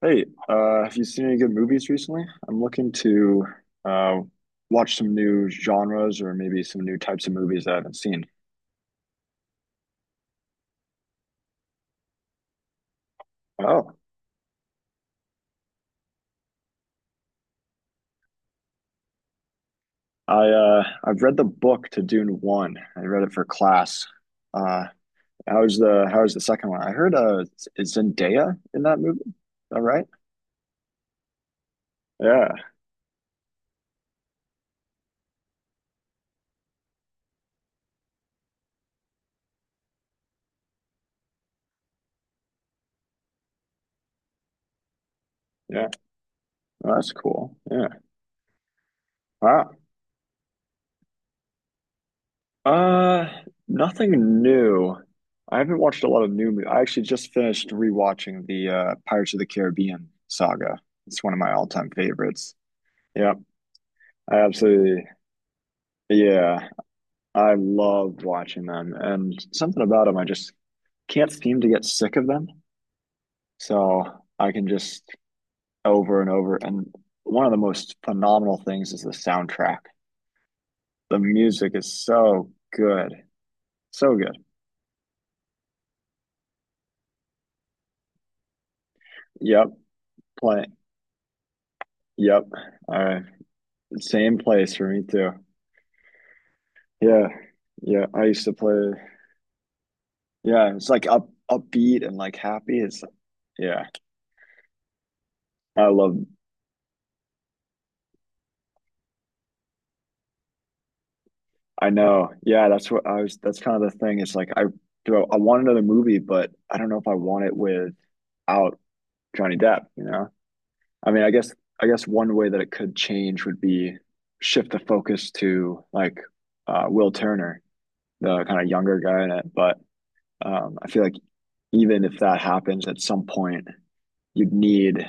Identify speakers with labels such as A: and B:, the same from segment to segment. A: Hey, have you seen any good movies recently? I'm looking to uh, watch some new genres or maybe some new types of movies that I haven't seen. Oh, I've read the book to Dune One. I read it for class. Uh, How's the second one? I heard is Zendaya in that movie. Is that right? Yeah, yeah. Well, that's cool. Yeah. Wow. Uh, Nothing new. I haven't watched a lot of I actually just finished rewatching the Pirates of the Caribbean saga. It's one of my all-time favorites. Yep, I absolutely. Yeah, I love watching them, and something about them, I just can't seem to get sick of them. So I can just over and over. And one of the most phenomenal things is the soundtrack. The music is so good, so good. Yep, playing. Yep. I same place for me too. Yeah. Yeah. I used to play. Yeah, it's like up upbeat and like happy. It's yeah, I love. I know. Yeah, that's what I was. That's kind of the thing. It's like I do. I want another movie, but I don't know if I want it without Johnny Depp. You know. I mean, I guess. I guess one way that it could change would be shift the focus to like Will Turner, the kind of younger guy in it. But I feel like even if that happens at some point, you'd need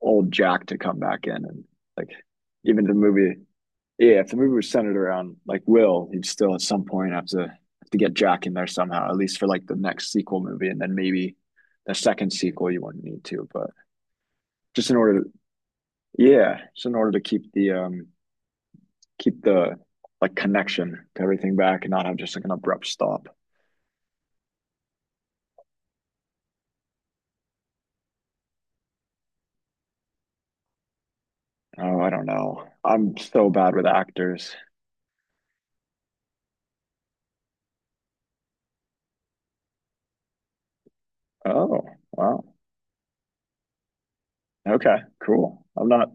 A: old Jack to come back in and like even the movie. Yeah, if the movie was centered around like Will, he'd still at some point have to get Jack in there somehow, at least for like the next sequel movie, and then maybe the second sequel you wouldn't need to, but just in order to yeah, just in order to keep the like connection to everything back and not have just like an abrupt stop. Oh, I don't know. I'm so bad with actors. Oh, wow. Okay, cool. I'm not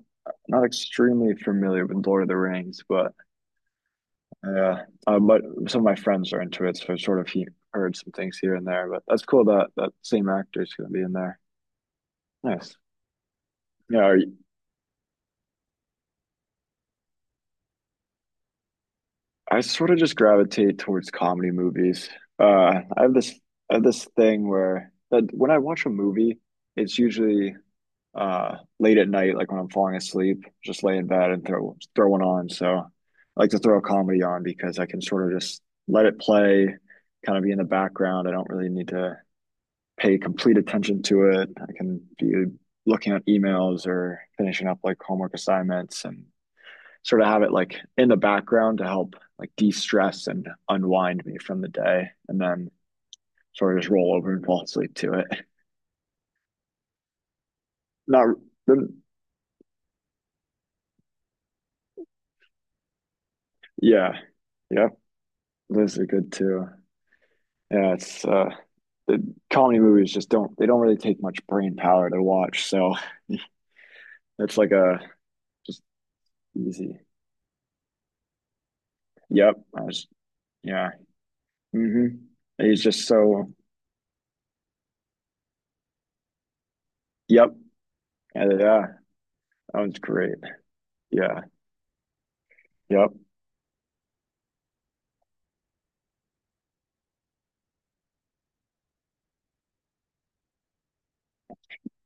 A: Not extremely familiar with Lord of the Rings, but some of my friends are into it, so I've sort of he heard some things here and there. But that's cool that that same actor is going to be in there. Nice. Yeah, are you- I sort of just gravitate towards comedy movies. Uh, I have this I have this thing where that when I watch a movie, it's usually late at night, like when I'm falling asleep, just lay in bed and throw one on. So I like to throw a comedy on because I can sort of just let it play, kind of be in the background. I don't really need to pay complete attention to it. I can be looking at emails or finishing up like homework assignments and sort of have it like in the background to help like de-stress and unwind me from the day and then sort of just roll over and fall asleep to it. Not the yeah. Yep. Those are good too. Yeah, it's the comedy movies just don't they don't really take much brain power to watch, so it's like a just easy. Yep. I was, yeah. hmm He's just so yep. Yeah, yeah. That one's great. Yeah. Yep.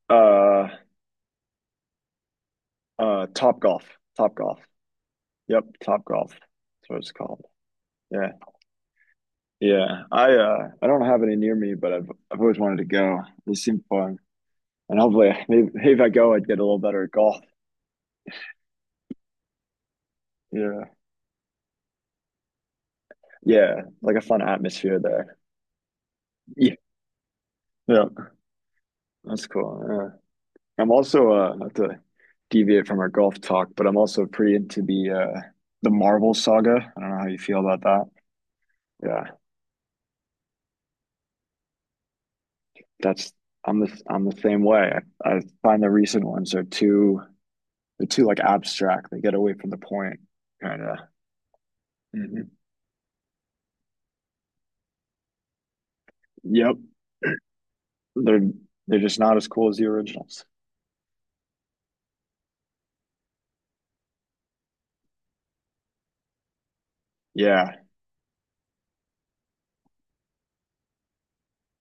A: Uh Top Golf. Top Golf. Yep, Top Golf. That's what it's called. Yeah. Yeah. I don't have any near me, but I've always wanted to go. They seem fun. And hopefully maybe, maybe if I go I'd get a little better at golf. Yeah. Yeah, like a fun atmosphere there. Yeah. Yeah, that's cool. Yeah. I'm also not to deviate from our golf talk, but I'm also pretty into the Marvel saga. I don't know how you feel about that. Yeah, that's I'm the same way. I find the recent ones are too they're too like abstract. They get away from the point, kind of. hmm Yep, they're they're just not as cool as the originals. Yeah.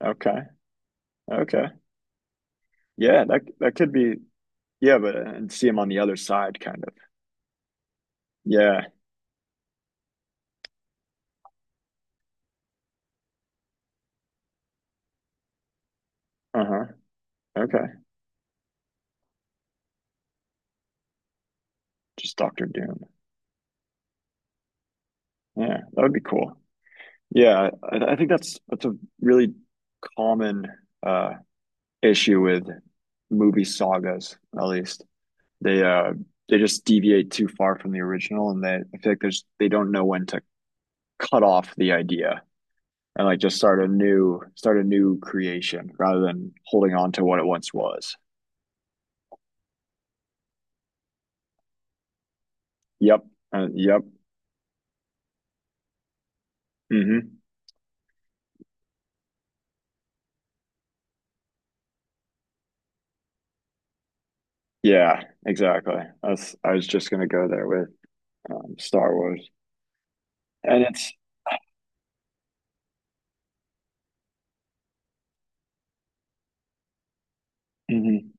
A: Okay. Okay. Yeah, that that could be yeah, but and see him on the other side, kind of. Yeah. Uh-huh. Okay. Just Doctor Doom. Yeah, that would be cool. Yeah, I think that's a really common uh issue with movie sagas, at least. They uh they just deviate too far from the original and they I feel like there's they don't know when to cut off the idea and like just start a new creation rather than holding on to what it once was. Yep. Yep. Mm-hmm. Yeah, exactly. That's I was just gonna go there with Star Wars, and it's mhm,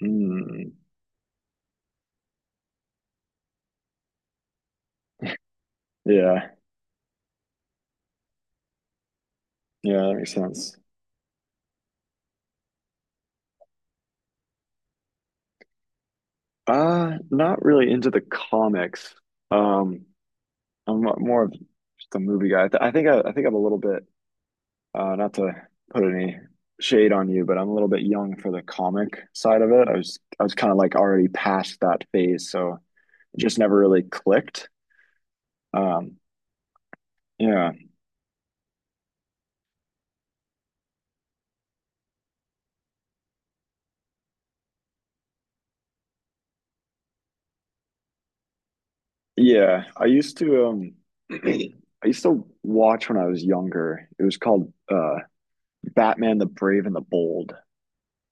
A: mm, yeah, yeah, that makes sense. Not really into the comics. Um, More of just a movie guy. I, th I think I'm a little bit not to put any shade on you, but I'm a little bit young for the comic side of it. I was kind of like already past that phase, so it just never really clicked. Um, yeah. Yeah, I used to I used to watch when I was younger. It was called Batman the Brave and the Bold.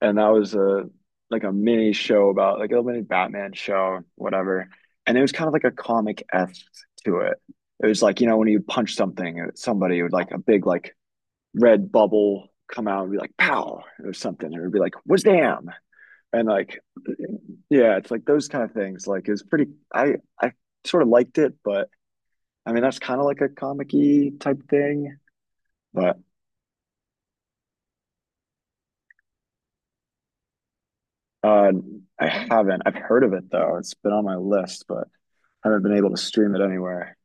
A: And that was a like a mini show about like a mini Batman show, whatever. And it was kind of like a comic-esque to it. It was like, you know, when you punch something, somebody would like a big like red bubble come out and be like pow or something. It would be like, was damn. And like yeah, it's like those kind of things. Like it was pretty I I sort of liked it, but I mean, that's kind of like a comic-y type thing, but uh, I haven't. I've heard of it though. It's been on my list, but I haven't been able to stream it anywhere.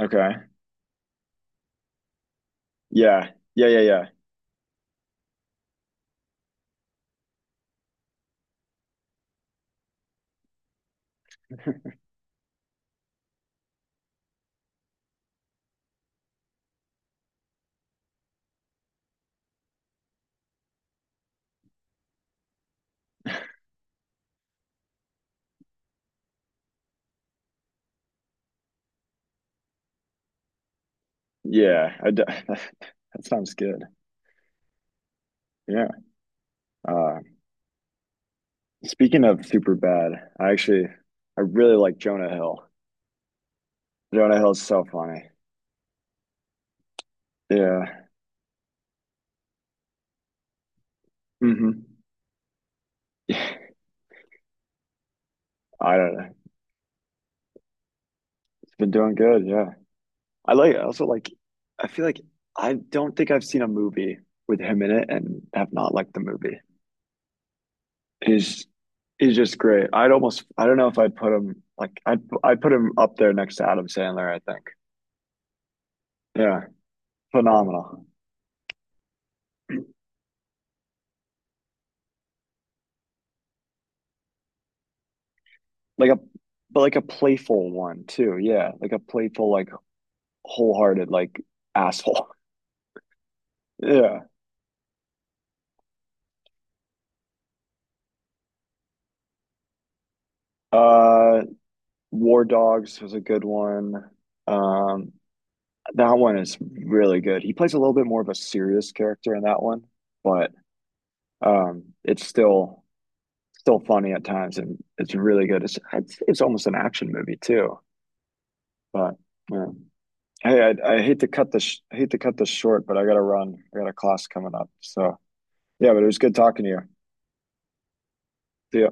A: Okay. Yeah. Yeah. Yeah. Yeah. Yeah. I d That sounds good. Yeah. Uh, Speaking of super bad, I actually I really like Jonah Hill. Jonah Hill's so funny. Yeah. hmm I don't know. It's been doing good. Yeah. I also like. I feel like I don't think I've seen a movie with him in it and have not liked the movie. He's he's just great. I'd almost. I don't know if I'd put him like. I'd put him up there next to Adam Sandler. I think. Yeah, phenomenal. Like a But like a playful one too. Yeah, like a playful, like wholehearted, like asshole. Yeah. Uh, War Dogs was a good one. Um, That one is really good. He plays a little bit more of a serious character in that one, but it's still funny at times, and it's really good. It's almost an action movie too. But yeah. Hey, I hate to cut this short, but I got to run. I got a class coming up. So yeah, but it was good talking to you. See ya.